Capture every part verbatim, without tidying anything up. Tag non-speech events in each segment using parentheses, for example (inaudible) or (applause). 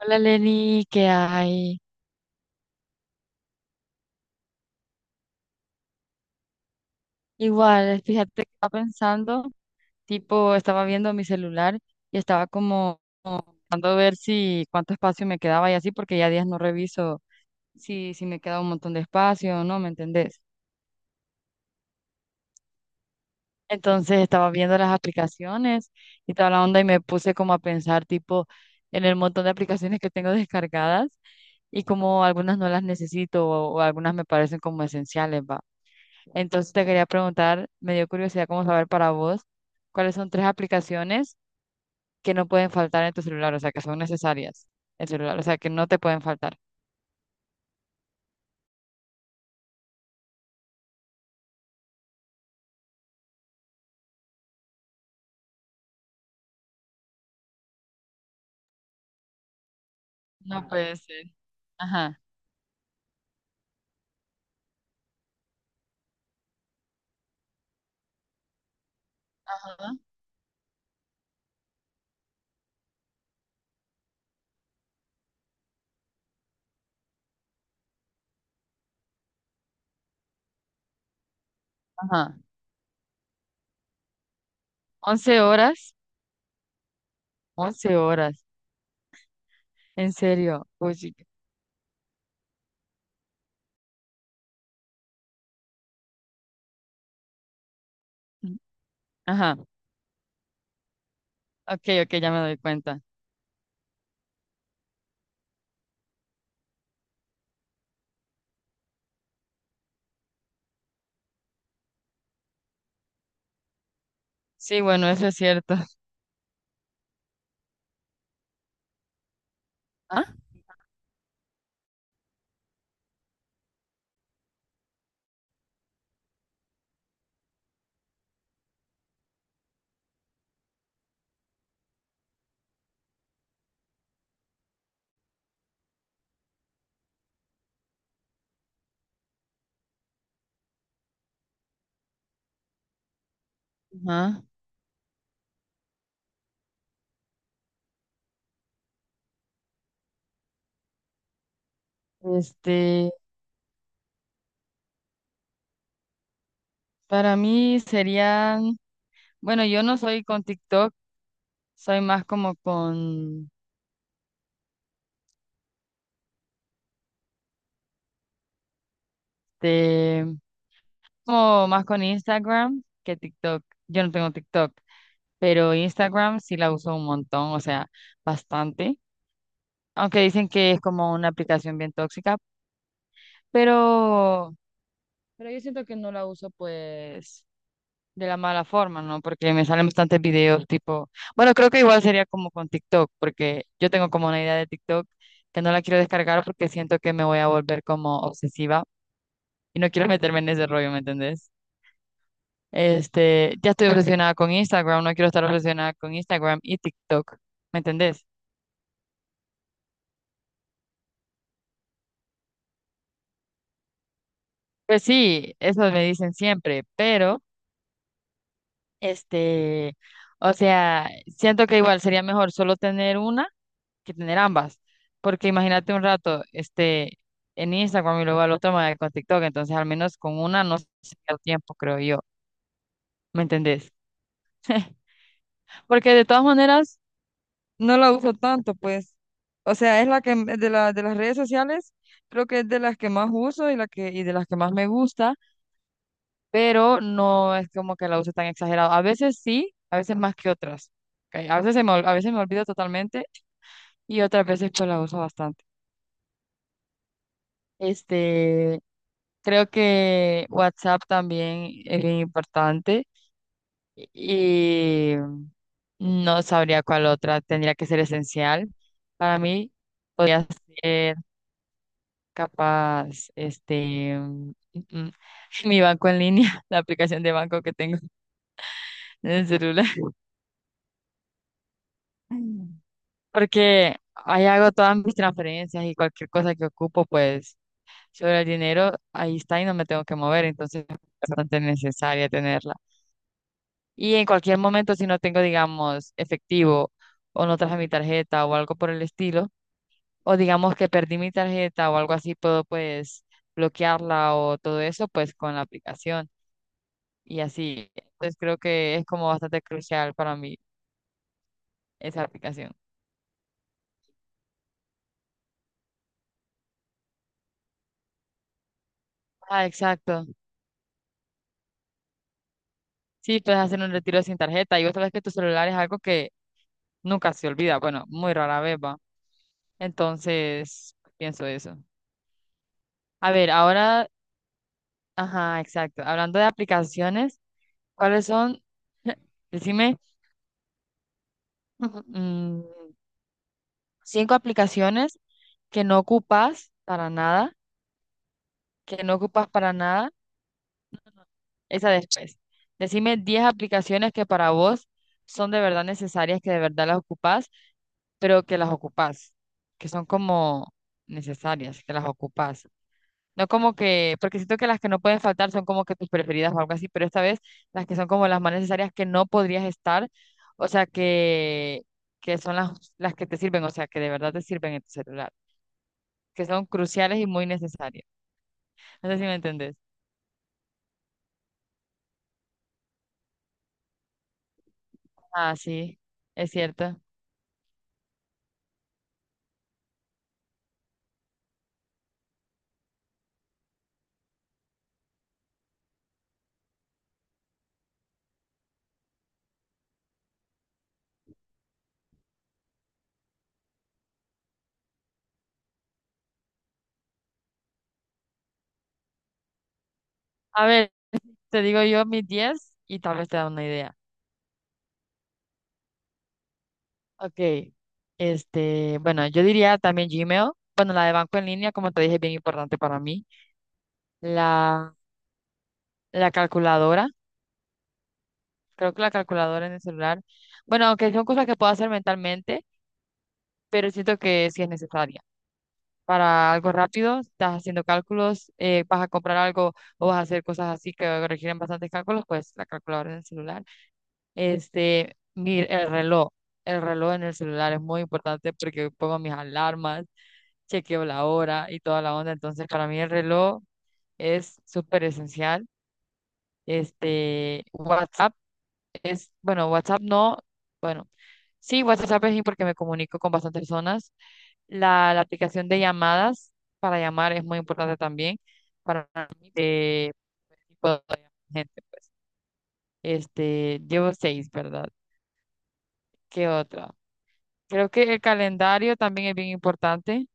Hola Lenny, ¿qué hay? Igual, fíjate que estaba pensando, tipo, estaba viendo mi celular y estaba como tratando de ver si cuánto espacio me quedaba y así, porque ya días no reviso si, si me queda un montón de espacio o no, ¿me entendés? Entonces estaba viendo las aplicaciones y toda la onda y me puse como a pensar, tipo, en el montón de aplicaciones que tengo descargadas y como algunas no las necesito o, o algunas me parecen como esenciales, ¿va? Entonces te quería preguntar, me dio curiosidad cómo saber para vos cuáles son tres aplicaciones que no pueden faltar en tu celular, o sea, que son necesarias en celular, o sea, que no te pueden faltar. No puede ser. Ajá. Ajá. Ajá. once horas, once horas, en serio. Uy, sí. Ajá. Ok, ok, ya me doy cuenta. Sí, bueno, eso es cierto. ¿Ah? Ajá. Este, para mí serían, bueno, yo no soy con TikTok, soy más como con este, como más con Instagram que TikTok. Yo no tengo TikTok, pero Instagram sí la uso un montón, o sea, bastante. Aunque dicen que es como una aplicación bien tóxica, pero, pero yo siento que no la uso pues de la mala forma, ¿no? Porque me salen bastantes videos tipo, bueno, creo que igual sería como con TikTok, porque yo tengo como una idea de TikTok que no la quiero descargar porque siento que me voy a volver como obsesiva y no quiero meterme en ese rollo, ¿me entendés? Este, ya estoy obsesionada con Instagram, no quiero estar obsesionada con Instagram y TikTok, ¿me entendés? Pues sí, eso me dicen siempre, pero este, o sea, siento que igual sería mejor solo tener una que tener ambas, porque imagínate un rato, este, en Instagram y luego al otro me con TikTok, entonces al menos con una no se pierde tiempo, creo yo, ¿me entendés? (laughs) Porque de todas maneras no la uso tanto, pues. O sea, es la que m- de la, de las redes sociales, creo que es de las que más uso y la que y de las que más me gusta, pero no es como que la use tan exagerado. A veces sí, a veces más que otras. Ok, a veces se me, ol- a veces me olvido totalmente y otras veces pues la uso bastante. Este, creo que WhatsApp también es bien importante y no sabría cuál otra tendría que ser esencial para mí. Podría ser capaz, este, mm, mm, (laughs) mi banco en línea, (laughs) la aplicación de banco que tengo (laughs) en el celular. Mm. Porque ahí hago todas mis transferencias y cualquier cosa que ocupo, pues sobre el dinero, ahí está y no me tengo que mover, entonces es bastante necesaria tenerla. Y en cualquier momento, si no tengo, digamos, efectivo o no traje mi tarjeta o algo por el estilo, o digamos que perdí mi tarjeta o algo así, puedo pues bloquearla o todo eso, pues con la aplicación. Y así. Entonces creo que es como bastante crucial para mí esa aplicación. Ah, exacto. Sí, puedes hacer un retiro sin tarjeta y otra vez que tu celular es algo que nunca se olvida. Bueno, muy rara vez va. Entonces, pienso eso. A ver, ahora, ajá, exacto. Hablando de aplicaciones, ¿cuáles son? (laughs) Decime, mm, cinco aplicaciones que no ocupas para nada, que no ocupas para nada. Esa después. Decime diez aplicaciones que para vos son de verdad necesarias, que de verdad las ocupás, pero que las ocupás, que son como necesarias, que las ocupás. No como que, porque siento que las que no pueden faltar son como que tus preferidas o algo así, pero esta vez las que son como las más necesarias que no podrías estar, o sea, que, que son las, las que te sirven, o sea, que de verdad te sirven en tu celular, que son cruciales y muy necesarias. No sé si me entendés. Ah, sí, es cierto. A ver. Te digo yo mis diez y tal vez te da una idea. Ok, este, bueno, yo diría también Gmail. Bueno, la de banco en línea, como te dije, es bien importante para mí. La, la calculadora, creo que la calculadora en el celular. Bueno, aunque son cosas que puedo hacer mentalmente, pero siento que sí es necesaria. Para algo rápido, estás haciendo cálculos, eh, vas a comprar algo o vas a hacer cosas así que requieren bastantes cálculos, pues la calculadora en el celular. Este, mi, el reloj, el reloj en el celular es muy importante porque pongo mis alarmas, chequeo la hora y toda la onda. Entonces, para mí el reloj es súper esencial. Este, WhatsApp es, bueno, WhatsApp no, bueno, sí, WhatsApp es porque me comunico con bastantes personas. La, la aplicación de llamadas para llamar es muy importante también para mí de tipo de gente, pues. Este, llevo seis, ¿verdad? ¿Qué otra? Creo que el calendario también es bien importante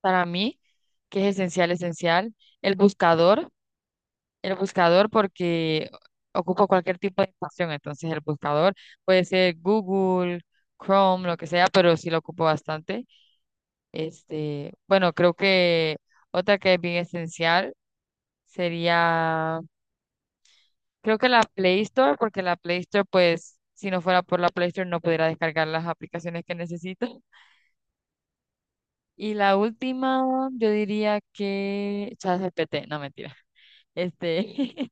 para mí, que es esencial, esencial. El buscador, el buscador porque ocupo cualquier tipo de información, entonces el buscador puede ser Google, Chrome, lo que sea, pero sí lo ocupo bastante. Este, bueno, creo que otra que es bien esencial sería, creo que la Play Store, porque la Play Store, pues, si no fuera por la Play Store no pudiera descargar las aplicaciones que necesito. Y la última, yo diría que ChatGPT, no mentira. Este,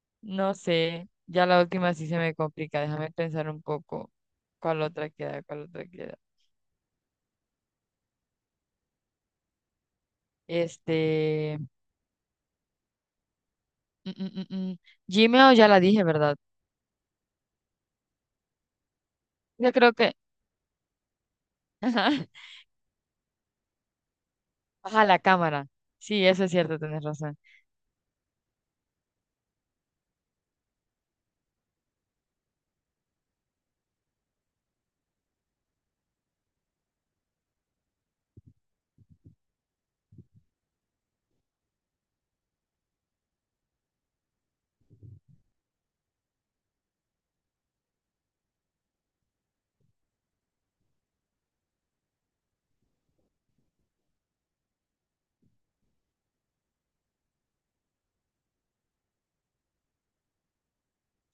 (laughs) no sé, ya la última sí se me complica, déjame pensar un poco cuál otra queda, cuál otra queda. Este, mm, mm, mm, mm, Gmail ya la dije, ¿verdad? Yo creo que, (laughs) ajá, ajá, la cámara. Sí, eso es cierto, tienes razón.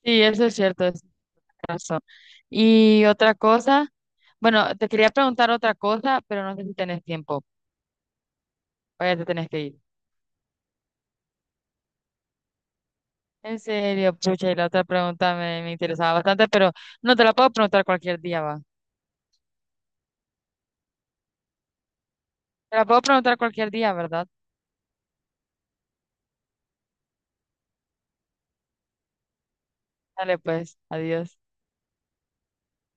Sí, eso es cierto, es razón. Y otra cosa, bueno, te quería preguntar otra cosa, pero no sé si tenés tiempo, vaya, te tenés que ir. En serio, pucha, y la otra pregunta me, me interesaba bastante, pero no te la puedo preguntar cualquier día, va. Te la puedo preguntar cualquier día, ¿verdad? Dale, pues, adiós.